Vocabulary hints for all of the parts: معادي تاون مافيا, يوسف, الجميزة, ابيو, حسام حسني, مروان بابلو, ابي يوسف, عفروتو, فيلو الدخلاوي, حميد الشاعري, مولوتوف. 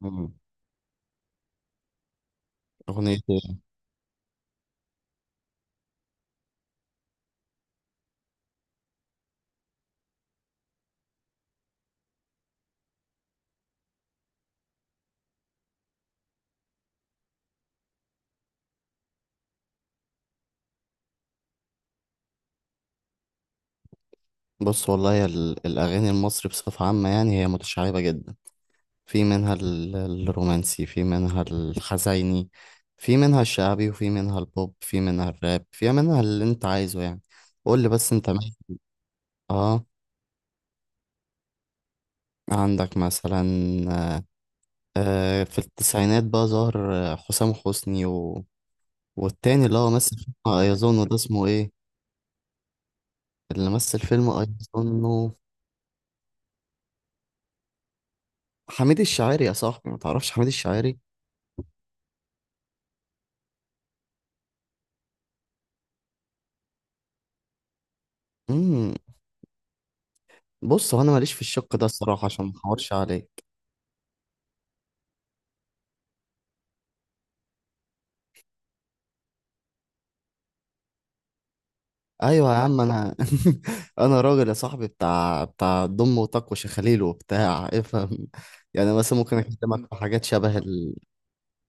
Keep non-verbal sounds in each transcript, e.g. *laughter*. مم. أغنية إيه؟ بص والله يا الأغاني المصري بصفة عامة، يعني هي متشعبة جدا. في منها الرومانسي، في منها الحزيني، في منها الشعبي، وفي منها البوب، في منها الراب، في منها اللي أنت عايزه يعني. قول لي بس أنت مين؟ آه عندك مثلا. في التسعينات بقى ظهر حسام حسني و... والتاني، اللي هو مثل فيلم أيظنه ده، اسمه إيه؟ اللي مثل فيلم أيظنه حميد الشاعري يا صاحبي. ما تعرفش حميد الشاعري؟ مم، بص، هو انا ماليش في الشق ده الصراحه، عشان ما احورش عليك. ايوه يا لا عم انا *laughs* انا راجل يا صاحبي بتاع ضم وطق وشخاليل، وبتاع افهم. يعني مثلا ممكن اكلمك في حاجات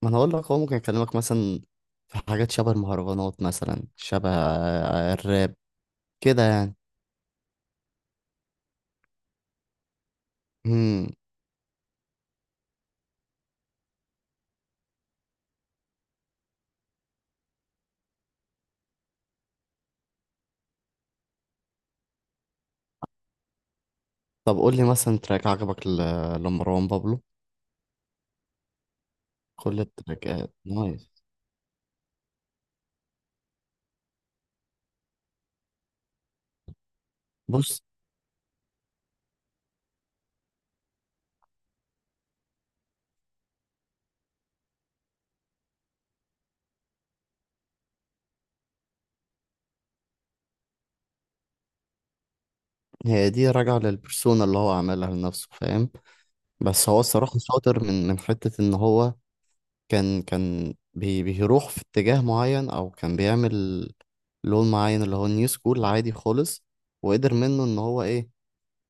ما انا اقول لك، هو ممكن اكلمك مثلا في حاجات شبه المهرجانات، مثلا شبه الراب كده يعني. امم طب قول لي مثلا تراك عجبك ل- لمروان بابلو. كل التراكات نايس. بص، هي دي راجعه للبرسونا اللي هو عملها لنفسه، فاهم. بس هو الصراحة شاطر من حتة إن هو كان بيروح في اتجاه معين، أو كان بيعمل لون معين، اللي هو النيو سكول، عادي خالص. وقدر منه إن هو إيه،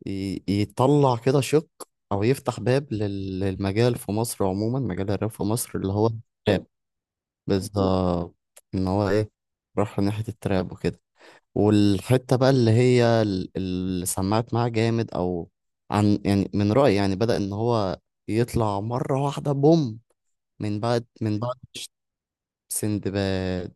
ي- يطلع كده شق، أو يفتح باب لل- للمجال في مصر عموما، مجال الراب في مصر اللي هو بالظبط. ان هو ايه، راح ناحية التراب وكده. والحتة بقى اللي هي اللي سمعت معاه جامد، او عن، يعني، من رأيي يعني بدأ ان هو يطلع مرة واحدة بوم، من بعد سندباد.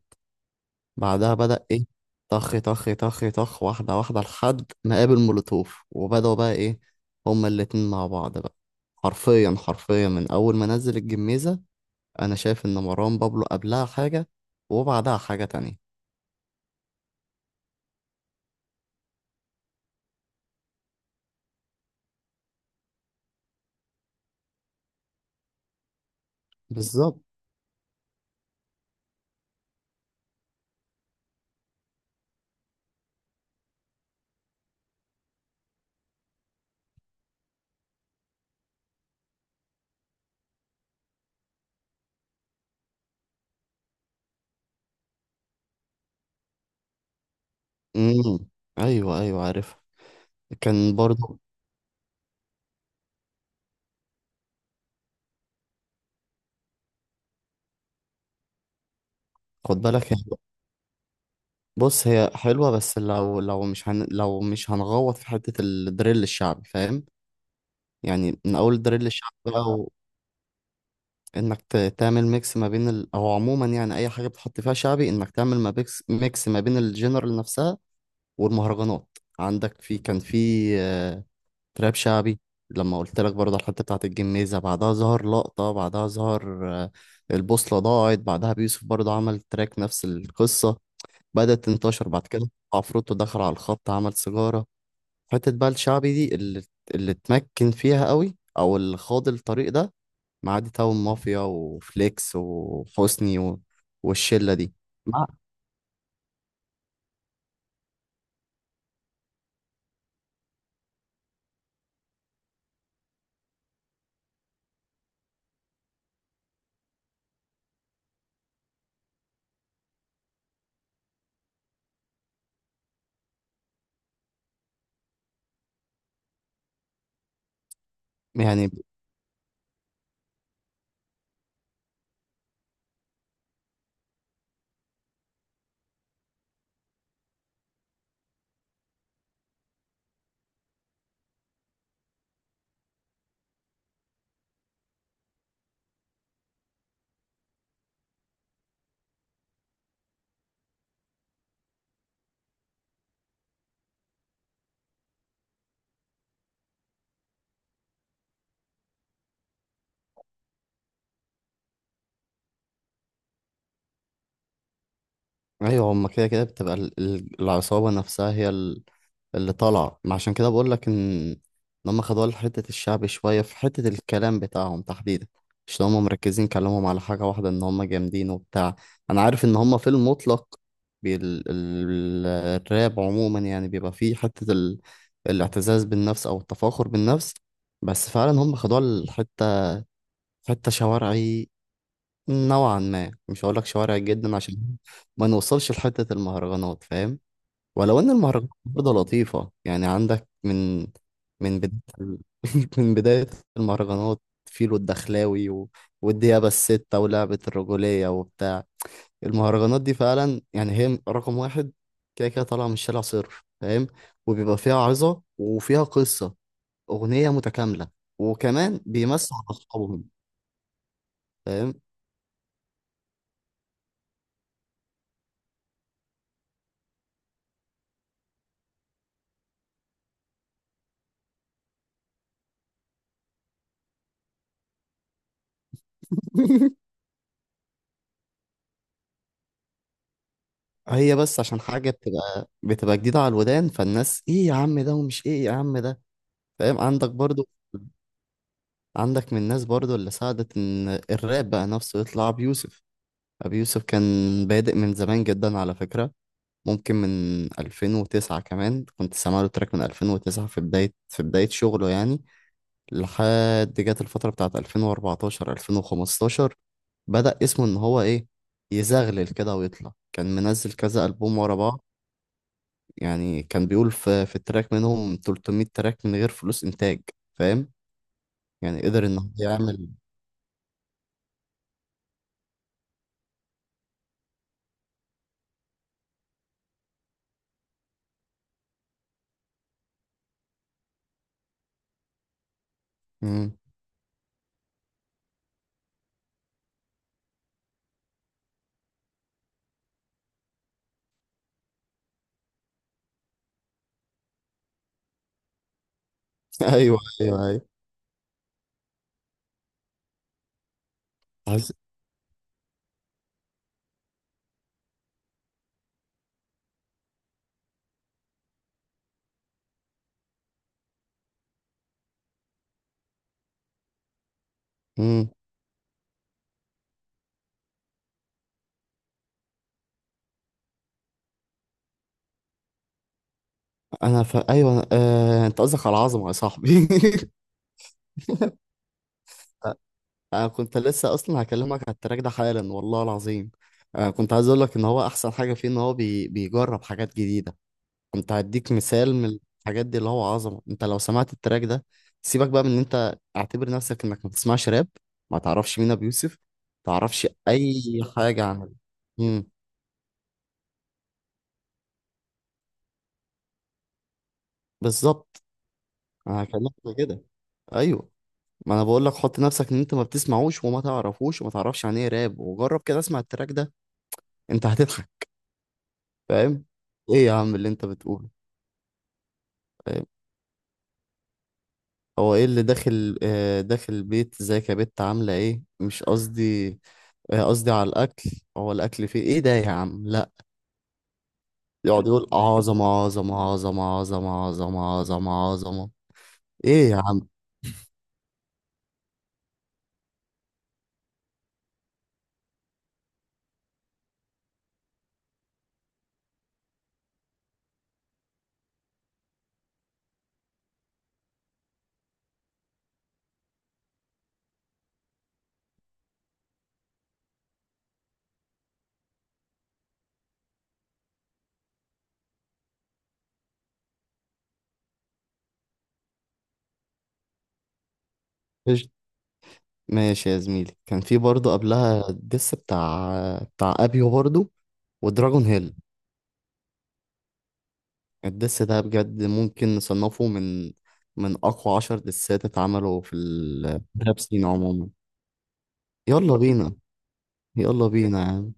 بعدها بدأ ايه، طخ طخ طخ طخ واحدة واحدة، لحد ما قابل مولوتوف وبدأوا بقى ايه، هما الاتنين مع بعض بقى. حرفيا حرفيا من اول ما نزل الجميزة انا شايف ان مروان بابلو قبلها حاجة وبعدها حاجة تانية. بالظبط. امم. ايوه ايوه، عارفها. كان برضو. خد بالك، هي، بص، هي حلوة بس لو مش هنغوط في حتة الدريل الشعبي، فاهم. يعني من اول الدريل الشعبي بقى، وانك ت- تعمل ميكس ما بين او عموما يعني اي حاجة بتحط فيها شعبي، انك تعمل ما بيكس... ميكس ما بين الجنرال نفسها والمهرجانات. عندك، في، كان في تراب شعبي. لما قلت لك برضه على الحته بتاعت الجميزه، بعدها ظهر لقطه، بعدها ظهر البوصله ضاعت، بعدها بيوسف برضه عمل تراك نفس القصه. بدات تنتشر بعد كده، عفروتو دخل على الخط عمل سيجاره. حته بقى الشعبي دي، اللي اتمكن فيها قوي او اللي خاض الطريق ده، معادي تاون مافيا وفليكس وحسني و... والشله دي. مع- يعني، ايوه، هما كده كده بتبقى العصابه نفسها هي اللي طالعة، ما عشان كده بقول لك إن هم خدوا حتة الشعب شوية في حتة الكلام بتاعهم تحديدا، مش إن هم مركزين كلامهم على حاجة واحدة ان هم جامدين وبتاع. انا عارف ان هم في المطلق الراب عموما يعني بيبقى فيه حتة الاعتزاز بالنفس او التفاخر بالنفس. بس فعلا هم خدوها الحتة، حتة شوارعي نوعا ما. مش هقول لك شوارعي جدا، عشان ما نوصلش لحتة المهرجانات، فاهم. ولو ان المهرجانات برضه لطيفة يعني. عندك من بداية *laughs* من بداية المهرجانات، فيلو الدخلاوي و... والديابة الستة ولعبة الرجولية وبتاع. المهرجانات دي فعلا، يعني هي رقم واحد كده كده، طالعة من الشارع صرف، فاهم. وبيبقى فيها عظة وفيها قصة، أغنية متكاملة، وكمان بيمسوا على أصحابهم، فاهم. *laughs* هي بس عشان حاجة بتبقى جديدة على الودان، فالناس ايه يا عم ده، ومش ايه يا عم ده، فاهم. عندك برضو، عندك من الناس برضو اللي ساعدت ان الراب بقى نفسه يطلع، ابي يوسف. ابي يوسف كان بادئ من زمان جدا على فكرة، ممكن من 2009 كمان، كنت سامع له تراك من 2009، في بداية شغله يعني. لحد جت الفترة بتاعت 2014 2015، بدأ اسمه ان هو ايه، يزغلل كده ويطلع. كان منزل كذا ألبوم ورا بعض، يعني كان بيقول في التراك منهم 300 تراك من غير فلوس إنتاج، فاهم. يعني قدر ان هو يعمل. ايوه ايوه ايوه. عز... مم. انا ايوه، انت قصدك على العظمه يا صاحبي. *laughs* انا كنت لسه اصلا هكلمك على التراك ده حالا والله العظيم. كنت عايز اقول لك ان هو احسن حاجه فيه، ان هو بيجرب حاجات جديده. كنت هديك مثال من الحاجات دي، اللي هو عظمه. انت لو سمعت التراك ده، سيبك بقى من ان انت اعتبر نفسك انك ما بتسمعش راب، ما تعرفش مين ابو يوسف، ما تعرفش اي حاجه عن. مم. بالظبط. انا هكلمك كده، ايوه. ما انا بقول لك، حط نفسك ان انت ما بتسمعوش وما تعرفوش، وما تعرفش عن ايه راب، وجرب كده اسمع التراك ده انت هتضحك، فاهم. ايه يا عم اللي انت بتقوله، فاهم. هو ايه اللي داخل البيت، ازيك يا بت عامله ايه، مش قصدي قصدي على الاكل. هو الاكل فيه ايه ده يا عم، لا، يقعد يقول عظمه عظمه عظمه عظمه عظمه عظمه عظمه. ايه يا عم. إيش- ماشي يا زميلي. كان في برضه قبلها الدس بتاع ابيو برضه ودراجون هيل. الدس ده بجد ممكن نصنفه من أقوى 10 دسات اتعملوا في الراب سين عموما. يلا بينا. يلا بينا يا عم.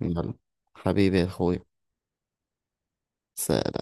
يلا، حبيبي يا أخويا. سلام.